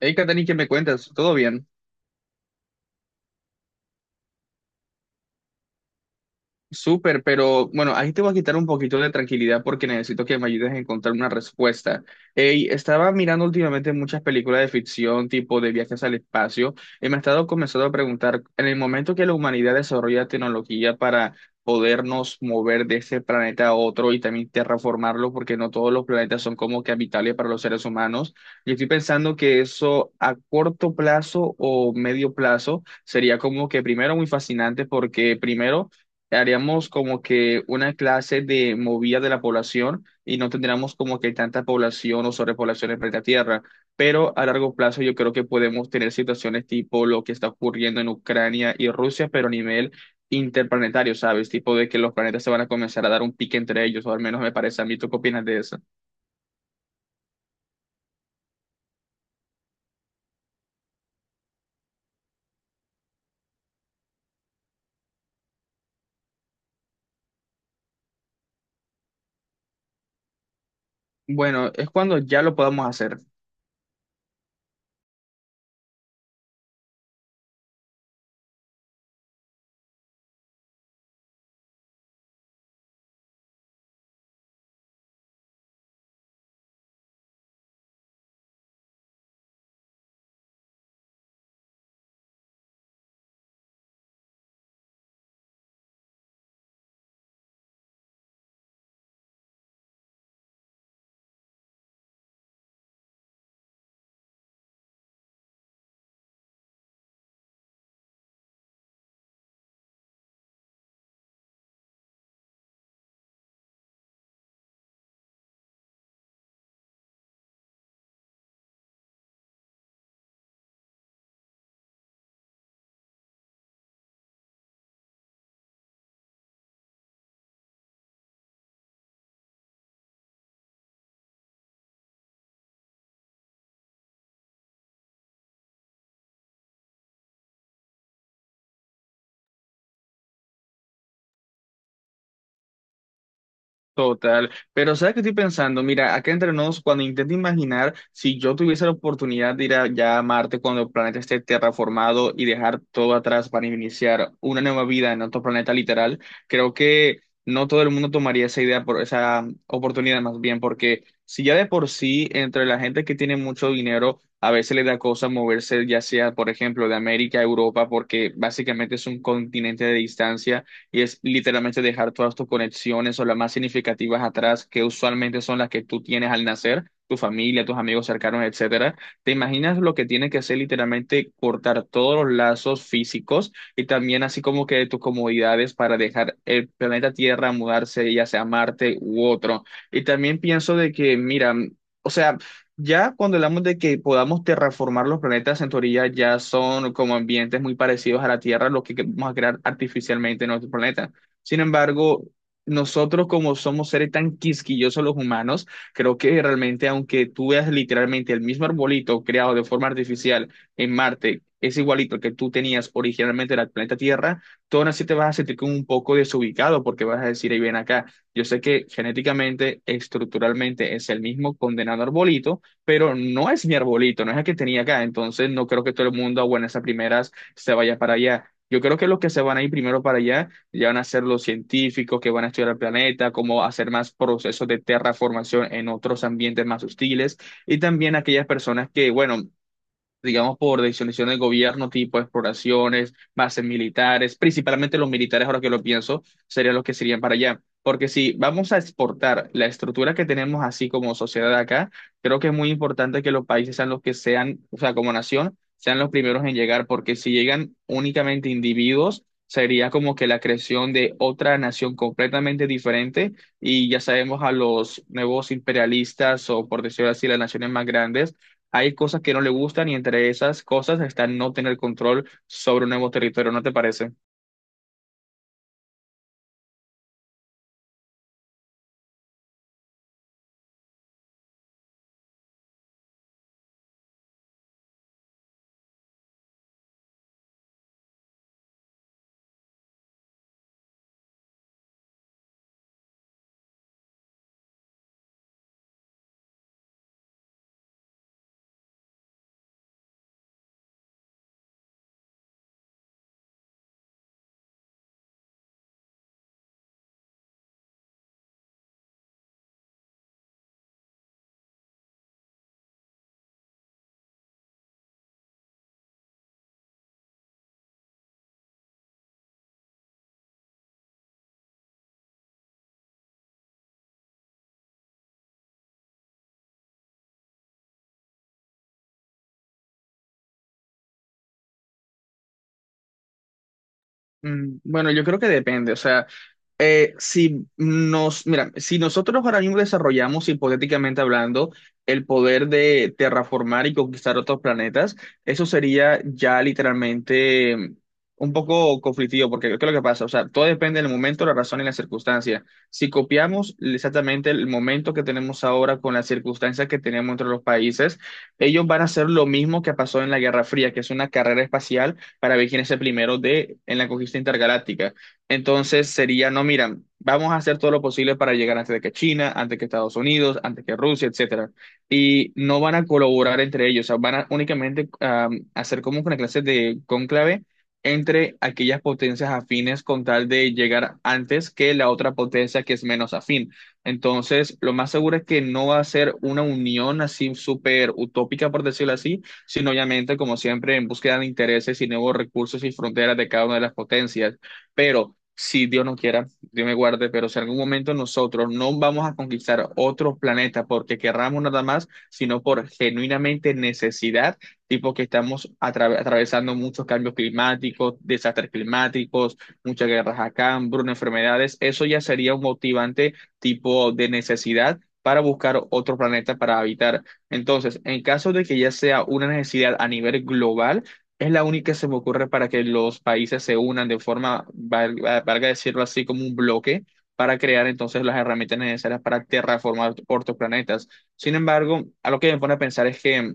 Hey, Katani, ¿qué me cuentas? ¿Todo bien? Súper, pero bueno, ahí te voy a quitar un poquito de tranquilidad porque necesito que me ayudes a encontrar una respuesta. Ey, estaba mirando últimamente muchas películas de ficción, tipo de viajes al espacio, y me he estado comenzando a preguntar, en el momento que la humanidad desarrolla tecnología para podernos mover de este planeta a otro y también terraformarlo, porque no todos los planetas son como que habitables para los seres humanos, y estoy pensando que eso a corto plazo o medio plazo sería como que primero muy fascinante porque primero haríamos como que una clase de movida de la población y no tendríamos como que tanta población o sobrepoblación en planeta Tierra. Pero a largo plazo yo creo que podemos tener situaciones tipo lo que está ocurriendo en Ucrania y Rusia, pero a nivel interplanetario, ¿sabes? Tipo de que los planetas se van a comenzar a dar un pique entre ellos, o al menos me parece a mí. ¿Tú qué opinas de eso? Bueno, es cuando ya lo podamos hacer. Total, pero ¿sabes qué estoy pensando? Mira, acá entre nos, cuando intento imaginar si yo tuviese la oportunidad de ir a, ya a Marte cuando el planeta esté terraformado y dejar todo atrás para iniciar una nueva vida en otro planeta literal, creo que no todo el mundo tomaría esa idea por esa oportunidad más bien, porque si ya de por sí entre la gente que tiene mucho dinero a veces le da cosa moverse ya sea, por ejemplo, de América a Europa, porque básicamente es un continente de distancia y es literalmente dejar todas tus conexiones o las más significativas atrás, que usualmente son las que tú tienes al nacer, tu familia, tus amigos cercanos, etcétera. ¿Te imaginas lo que tiene que ser literalmente cortar todos los lazos físicos y también así como que tus comodidades para dejar el planeta Tierra, mudarse ya sea a Marte u otro? Y también pienso de que, mira, o sea, ya cuando hablamos de que podamos terraformar los planetas en teoría, ya son como ambientes muy parecidos a la Tierra, lo que vamos a crear artificialmente en nuestro planeta. Sin embargo, nosotros como somos seres tan quisquillosos los humanos, creo que realmente aunque tú veas literalmente el mismo arbolito creado de forma artificial en Marte, es igualito al que tú tenías originalmente en el planeta Tierra, tú aún así te vas a sentir como un poco desubicado porque vas a decir, ahí ven acá, yo sé que genéticamente, estructuralmente es el mismo condenado arbolito pero no es mi arbolito, no es el que tenía acá, entonces no creo que todo el mundo a buenas a primeras se vaya para allá. Yo creo que los que se van a ir primero para allá ya van a ser los científicos que van a estudiar el planeta, cómo hacer más procesos de terraformación en otros ambientes más hostiles, y también aquellas personas que, bueno, digamos, por decisiones del gobierno, tipo exploraciones, bases militares, principalmente los militares, ahora que lo pienso, serían los que se irían para allá. Porque si vamos a exportar la estructura que tenemos así como sociedad acá, creo que es muy importante que los países sean los que sean, o sea, como nación, sean los primeros en llegar, porque si llegan únicamente individuos, sería como que la creación de otra nación completamente diferente y ya sabemos a los nuevos imperialistas o por decirlo así, las naciones más grandes hay cosas que no le gustan y entre esas cosas está no tener control sobre un nuevo territorio, ¿no te parece? Mm, bueno, yo creo que depende, o sea, si nos, mira, si nosotros ahora mismo desarrollamos, hipotéticamente hablando, el poder de terraformar y conquistar otros planetas, eso sería ya literalmente un poco conflictivo, porque ¿qué es lo que pasa? O sea, todo depende del momento, la razón y la circunstancia. Si copiamos exactamente el momento que tenemos ahora con las circunstancias que tenemos entre los países, ellos van a hacer lo mismo que pasó en la Guerra Fría, que es una carrera espacial para ver quién es el primero de, en la conquista intergaláctica. Entonces sería, no, mira, vamos a hacer todo lo posible para llegar antes de que China, antes que Estados Unidos, antes que Rusia, etcétera. Y no van a colaborar entre ellos, o sea, van a únicamente hacer como una clase de cónclave entre aquellas potencias afines con tal de llegar antes que la otra potencia que es menos afín. Entonces, lo más seguro es que no va a ser una unión así súper utópica, por decirlo así, sino obviamente, como siempre, en búsqueda de intereses y nuevos recursos y fronteras de cada una de las potencias. Pero si Dios no quiera, Dios me guarde, pero si en algún momento nosotros no vamos a conquistar otros planetas porque querramos nada más, sino por genuinamente necesidad, tipo que estamos atravesando muchos cambios climáticos, desastres climáticos, muchas guerras acá, hambruna, enfermedades, eso ya sería un motivante tipo de necesidad para buscar otro planeta para habitar. Entonces, en caso de que ya sea una necesidad a nivel global, es la única que se me ocurre para que los países se unan de forma, valga decirlo así, como un bloque para crear entonces las herramientas necesarias para terraformar otros planetas. Sin embargo, algo que me pone a pensar es que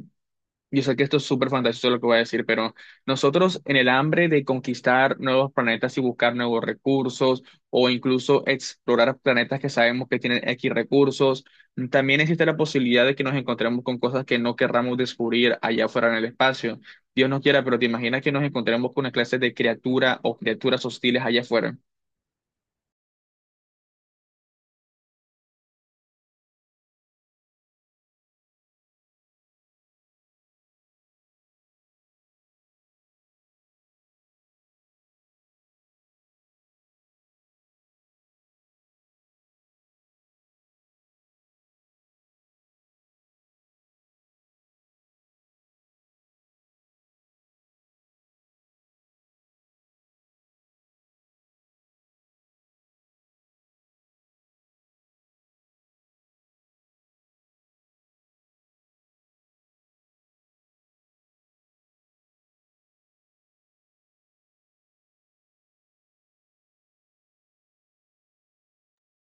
yo sé que esto es súper fantasioso lo que voy a decir, pero nosotros en el hambre de conquistar nuevos planetas y buscar nuevos recursos o incluso explorar planetas que sabemos que tienen X recursos, también existe la posibilidad de que nos encontremos con cosas que no querramos descubrir allá afuera en el espacio. Dios no quiera, pero te imaginas que nos encontremos con una clase de criatura o criaturas hostiles allá afuera.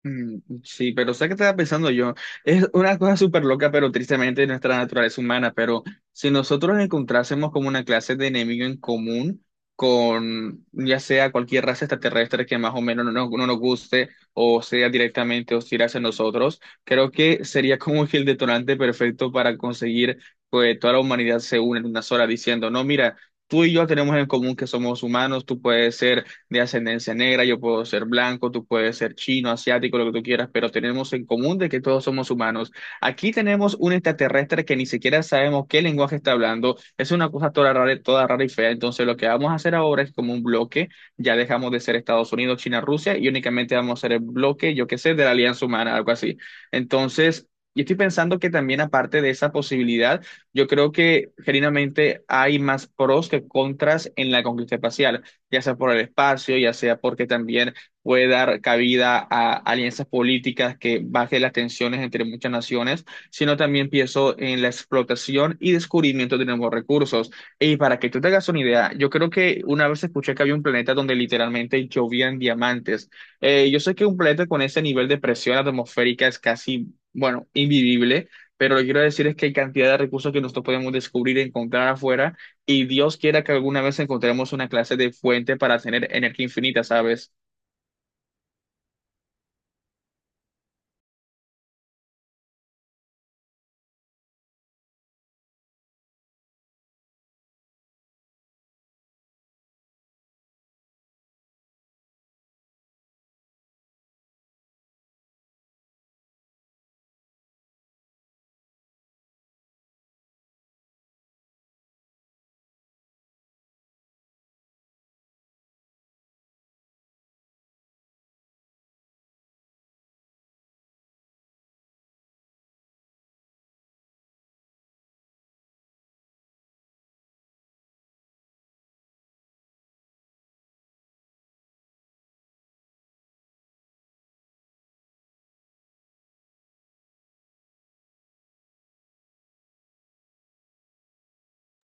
Mm. Sí, pero ¿sabes qué estaba pensando yo? Es una cosa súper loca, pero tristemente de nuestra naturaleza humana, pero si nosotros encontrásemos como una clase de enemigo en común con ya sea cualquier raza extraterrestre que más o menos no, nos no nos guste o sea directamente hostil hacia nosotros, creo que sería como que el detonante perfecto para conseguir que toda la humanidad se une en una sola diciendo, no, mira, tú y yo tenemos en común que somos humanos, tú puedes ser de ascendencia negra, yo puedo ser blanco, tú puedes ser chino, asiático, lo que tú quieras, pero tenemos en común de que todos somos humanos. Aquí tenemos un extraterrestre que ni siquiera sabemos qué lenguaje está hablando, es una cosa toda rara y fea, entonces lo que vamos a hacer ahora es como un bloque, ya dejamos de ser Estados Unidos, China, Rusia y únicamente vamos a ser el bloque, yo qué sé, de la Alianza Humana, algo así. Entonces... Y estoy pensando que también aparte de esa posibilidad, yo creo que genuinamente hay más pros que contras en la conquista espacial ya sea por el espacio, ya sea porque también puede dar cabida a alianzas políticas que baje las tensiones entre muchas naciones, sino también pienso en la explotación y descubrimiento de nuevos recursos. Y para que tú te hagas una idea, yo creo que una vez escuché que había un planeta donde literalmente llovían diamantes. Yo sé que un planeta con ese nivel de presión atmosférica es casi, bueno, invivible. Pero lo que quiero decir es que hay cantidad de recursos que nosotros podemos descubrir y encontrar afuera y Dios quiera que alguna vez encontremos una clase de fuente para tener energía infinita, ¿sabes?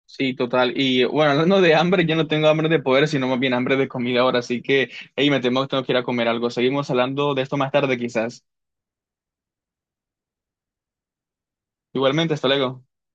Sí, total. Y bueno, hablando de hambre, yo no tengo hambre de poder, sino más bien hambre de comida ahora. Así que, hey, me temo que tengo que ir a comer algo. Seguimos hablando de esto más tarde, quizás. Igualmente, hasta luego.